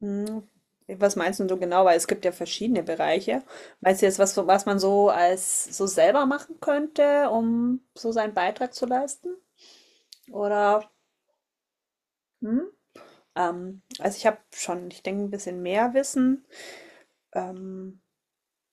Hm. Was meinst du so genau? Weil es gibt ja verschiedene Bereiche. Meinst du jetzt, was man so als so selber machen könnte, um so seinen Beitrag zu leisten? Oder hm? Also ich habe schon, ich denke, ein bisschen mehr Wissen. Ähm,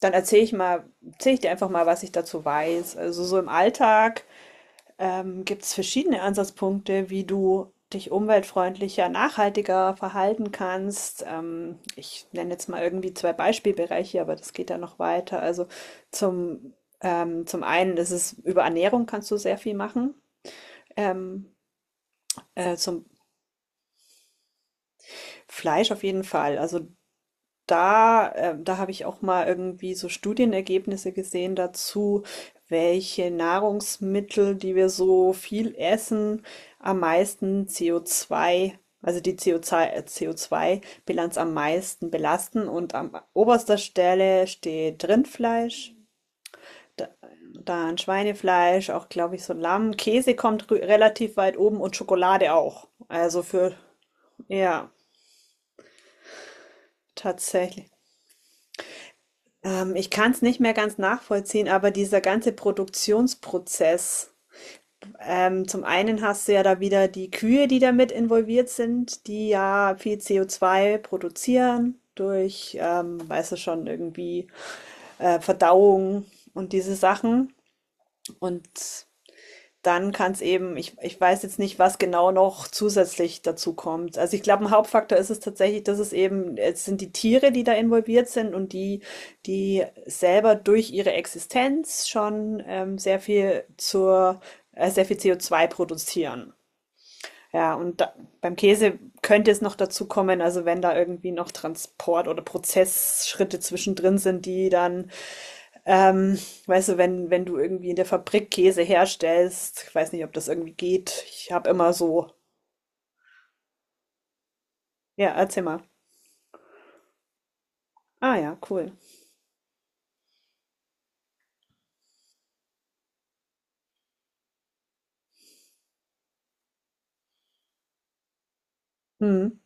Dann erzähle ich mal, erzähle ich dir einfach mal, was ich dazu weiß. Also so im Alltag. Gibt es verschiedene Ansatzpunkte, wie du dich umweltfreundlicher, nachhaltiger verhalten kannst? Ich nenne jetzt mal irgendwie zwei Beispielbereiche, aber das geht ja noch weiter. Also zum, zum einen ist es über Ernährung kannst du sehr viel machen. Ähm, Zum Fleisch auf jeden Fall. Also da habe ich auch mal irgendwie so Studienergebnisse gesehen dazu, welche Nahrungsmittel, die wir so viel essen, am meisten CO2, also die CO2-Bilanz am meisten belasten. Und an oberster Stelle steht Rindfleisch, da- dann Schweinefleisch, auch glaube ich so Lamm. Käse kommt relativ weit oben und Schokolade auch. Also für, ja, tatsächlich. Ich kann es nicht mehr ganz nachvollziehen, aber dieser ganze Produktionsprozess. Zum einen hast du ja da wieder die Kühe, die damit involviert sind, die ja viel co zwei produzieren durch, weißt du schon, irgendwie Verdauung und diese Sachen. Und dann kann es eben ich weiß jetzt nicht, was genau noch zusätzlich dazu kommt. Also, ich glaube, ein Hauptfaktor ist es tatsächlich, dass es eben es sind die Tiere, die da involviert sind und die selber durch ihre Existenz schon, sehr viel zur sehr viel CO2 produzieren. Ja, und da beim Käse könnte es noch dazu kommen, also wenn da irgendwie noch Transport oder Prozessschritte zwischendrin sind, die dann ähm, weißt du, wenn du irgendwie in der Fabrik Käse herstellst, ich weiß nicht, ob das irgendwie geht. Ich habe immer so, ja, erzähl mal. Ah ja, cool. Mhm.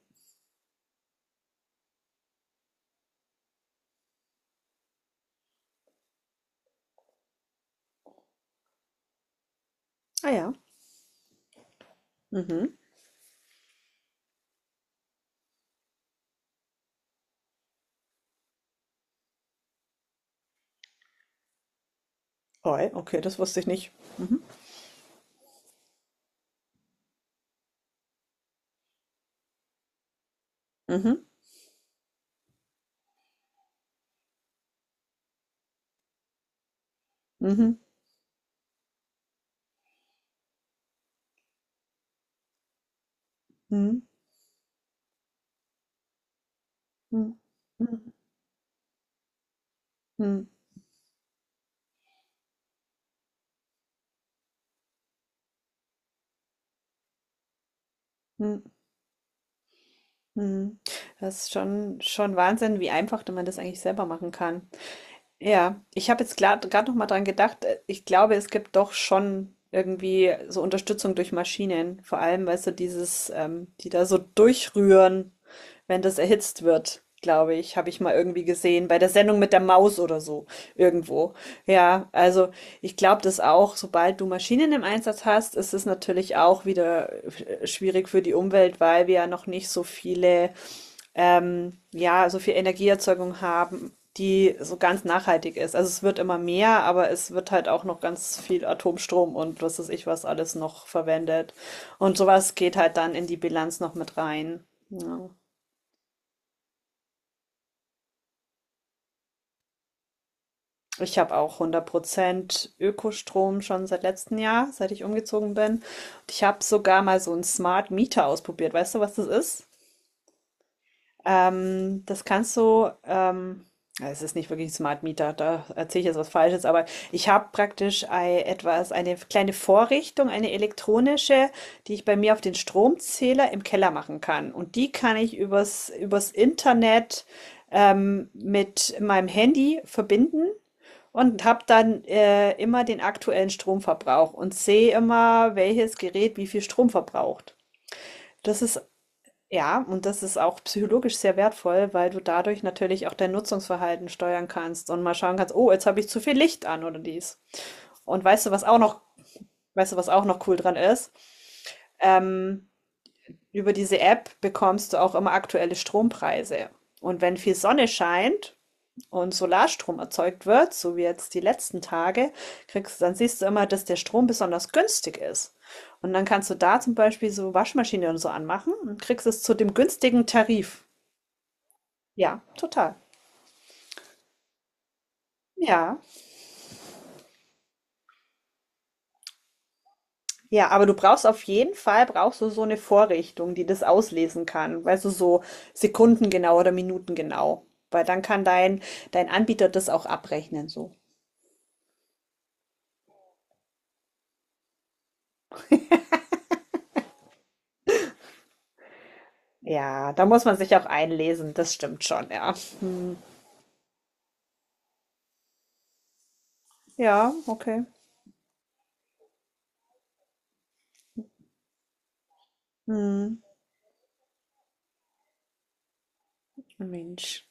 Ah ja. Mhm. Oi, okay, das wusste ich nicht. Mhm. Mhm. Mhm. Mhm. Mhm. Mhm. Mhm. Mhm. Mhm. Das ist schon Wahnsinn, wie einfach man das eigentlich selber machen kann. Ja, ich habe jetzt gerade noch mal dran gedacht, ich glaube, es gibt doch schon irgendwie so Unterstützung durch Maschinen, vor allem, weißt du, dieses, die da so durchrühren, wenn das erhitzt wird, glaube ich, habe ich mal irgendwie gesehen, bei der Sendung mit der Maus oder so, irgendwo. Ja, also ich glaube das auch, sobald du Maschinen im Einsatz hast, ist es natürlich auch wieder schwierig für die Umwelt, weil wir ja noch nicht so viele ja, so viel Energieerzeugung haben, die so ganz nachhaltig ist. Also es wird immer mehr, aber es wird halt auch noch ganz viel Atomstrom und was weiß ich was alles noch verwendet. Und sowas geht halt dann in die Bilanz noch mit rein. Ja. Ich habe auch 100% Ökostrom schon seit letztem Jahr, seit ich umgezogen bin. Und ich habe sogar mal so einen Smart Meter ausprobiert. Weißt du, was das ist? Das kannst du, ja, es ist nicht wirklich ein Smart Meter, da erzähle ich jetzt was Falsches, aber ich habe praktisch etwas, eine kleine Vorrichtung, eine elektronische, die ich bei mir auf den Stromzähler im Keller machen kann. Und die kann ich übers Internet mit meinem Handy verbinden. Und habe dann immer den aktuellen Stromverbrauch und sehe immer, welches Gerät wie viel Strom verbraucht. Das ist, ja, und das ist auch psychologisch sehr wertvoll, weil du dadurch natürlich auch dein Nutzungsverhalten steuern kannst und mal schauen kannst, oh, jetzt habe ich zu viel Licht an oder dies. Und weißt du, was auch noch cool dran ist? Ähm, Über diese App bekommst du auch immer aktuelle Strompreise. Und wenn viel Sonne scheint und Solarstrom erzeugt wird, so wie jetzt die letzten Tage, kriegst, dann siehst du immer, dass der Strom besonders günstig ist. Und dann kannst du da zum Beispiel so Waschmaschine und so anmachen und kriegst es zu dem günstigen Tarif. Ja, total. Ja. Ja, aber du brauchst auf jeden Fall, brauchst du so eine Vorrichtung, die das auslesen kann, weißt du, so sekundengenau oder minutengenau, weil dann kann dein Anbieter das auch abrechnen so. Ja, da muss man sich auch einlesen, das stimmt schon, ja. Mhm. Ja, okay. Mhm. Mensch.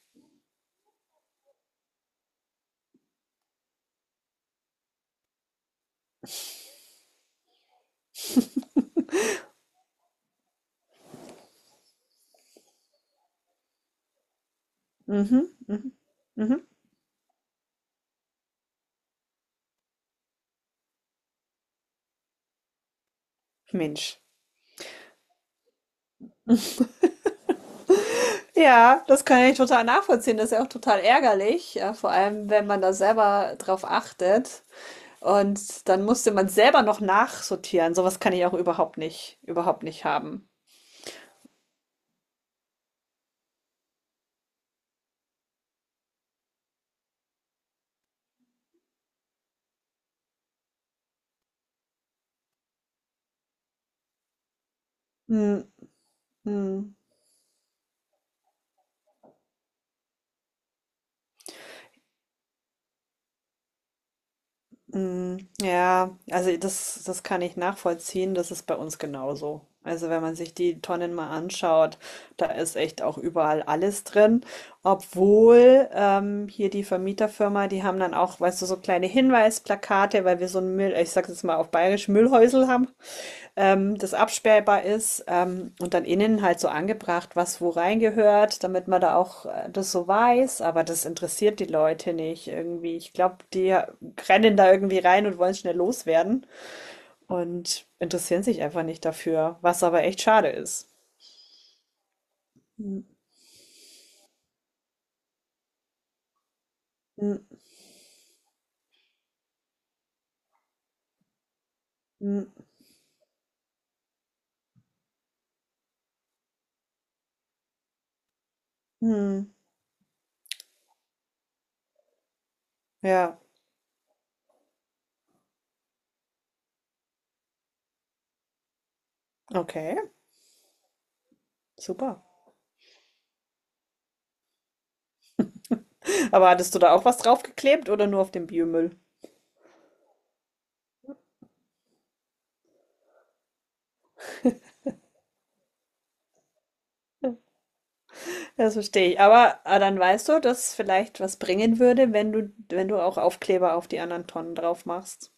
Mhm, mhm, mhm. Mensch. Ja, das kann ich total nachvollziehen. Das ist ja auch total ärgerlich, ja, vor allem, wenn man da selber drauf achtet. Und dann musste man selber noch nachsortieren. So was kann ich auch überhaupt nicht haben. Hm, hm, hm. Ja, also das kann ich nachvollziehen. Das ist bei uns genauso. Also wenn man sich die Tonnen mal anschaut, da ist echt auch überall alles drin. Obwohl hier die Vermieterfirma, die haben dann auch, weißt du, so kleine Hinweisplakate, weil wir so ein Müll, ich sag jetzt mal auf Bayerisch, Müllhäusel haben. Das absperrbar ist, und dann innen halt so angebracht, was wo reingehört, damit man da auch das so weiß. Aber das interessiert die Leute nicht irgendwie. Ich glaube, die rennen da irgendwie rein und wollen schnell loswerden und interessieren sich einfach nicht dafür, was aber echt schade ist. Hm, hm, hm, hm. Ja, okay, super. Aber hattest du da auch was draufgeklebt oder nur auf dem Biomüll? Das verstehe ich. Aber, ah, dann weißt du, dass vielleicht was bringen würde, wenn du, wenn du auch Aufkleber auf die anderen Tonnen drauf machst.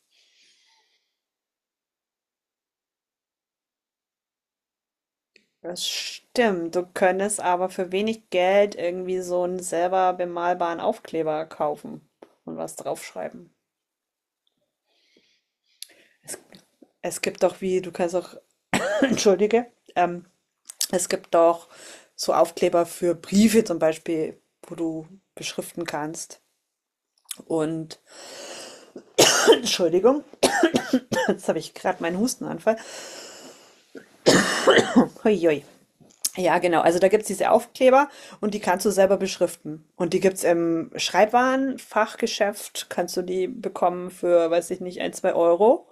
Das stimmt. Du könntest aber für wenig Geld irgendwie so einen selber bemalbaren Aufkleber kaufen und was draufschreiben. Es, es gibt doch wie, du kannst auch, entschuldige, es gibt doch so Aufkleber für Briefe zum Beispiel, wo du beschriften kannst. Und, Entschuldigung, jetzt habe ich gerade meinen Hustenanfall. Huiui. Ja, genau. Also da gibt's diese Aufkleber und die kannst du selber beschriften. Und die gibt's im Schreibwarenfachgeschäft, kannst du die bekommen für, weiß ich nicht, ein, zwei Euro.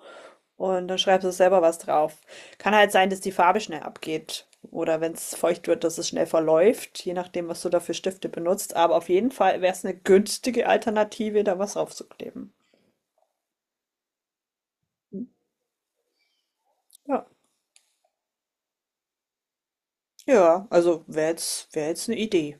Und dann schreibst du selber was drauf. Kann halt sein, dass die Farbe schnell abgeht. Oder wenn's feucht wird, dass es schnell verläuft, je nachdem, was du da für Stifte benutzt. Aber auf jeden Fall wäre es eine günstige Alternative, da was draufzukleben. Ja. Ja, also wäre jetzt, wär jetzt eine Idee.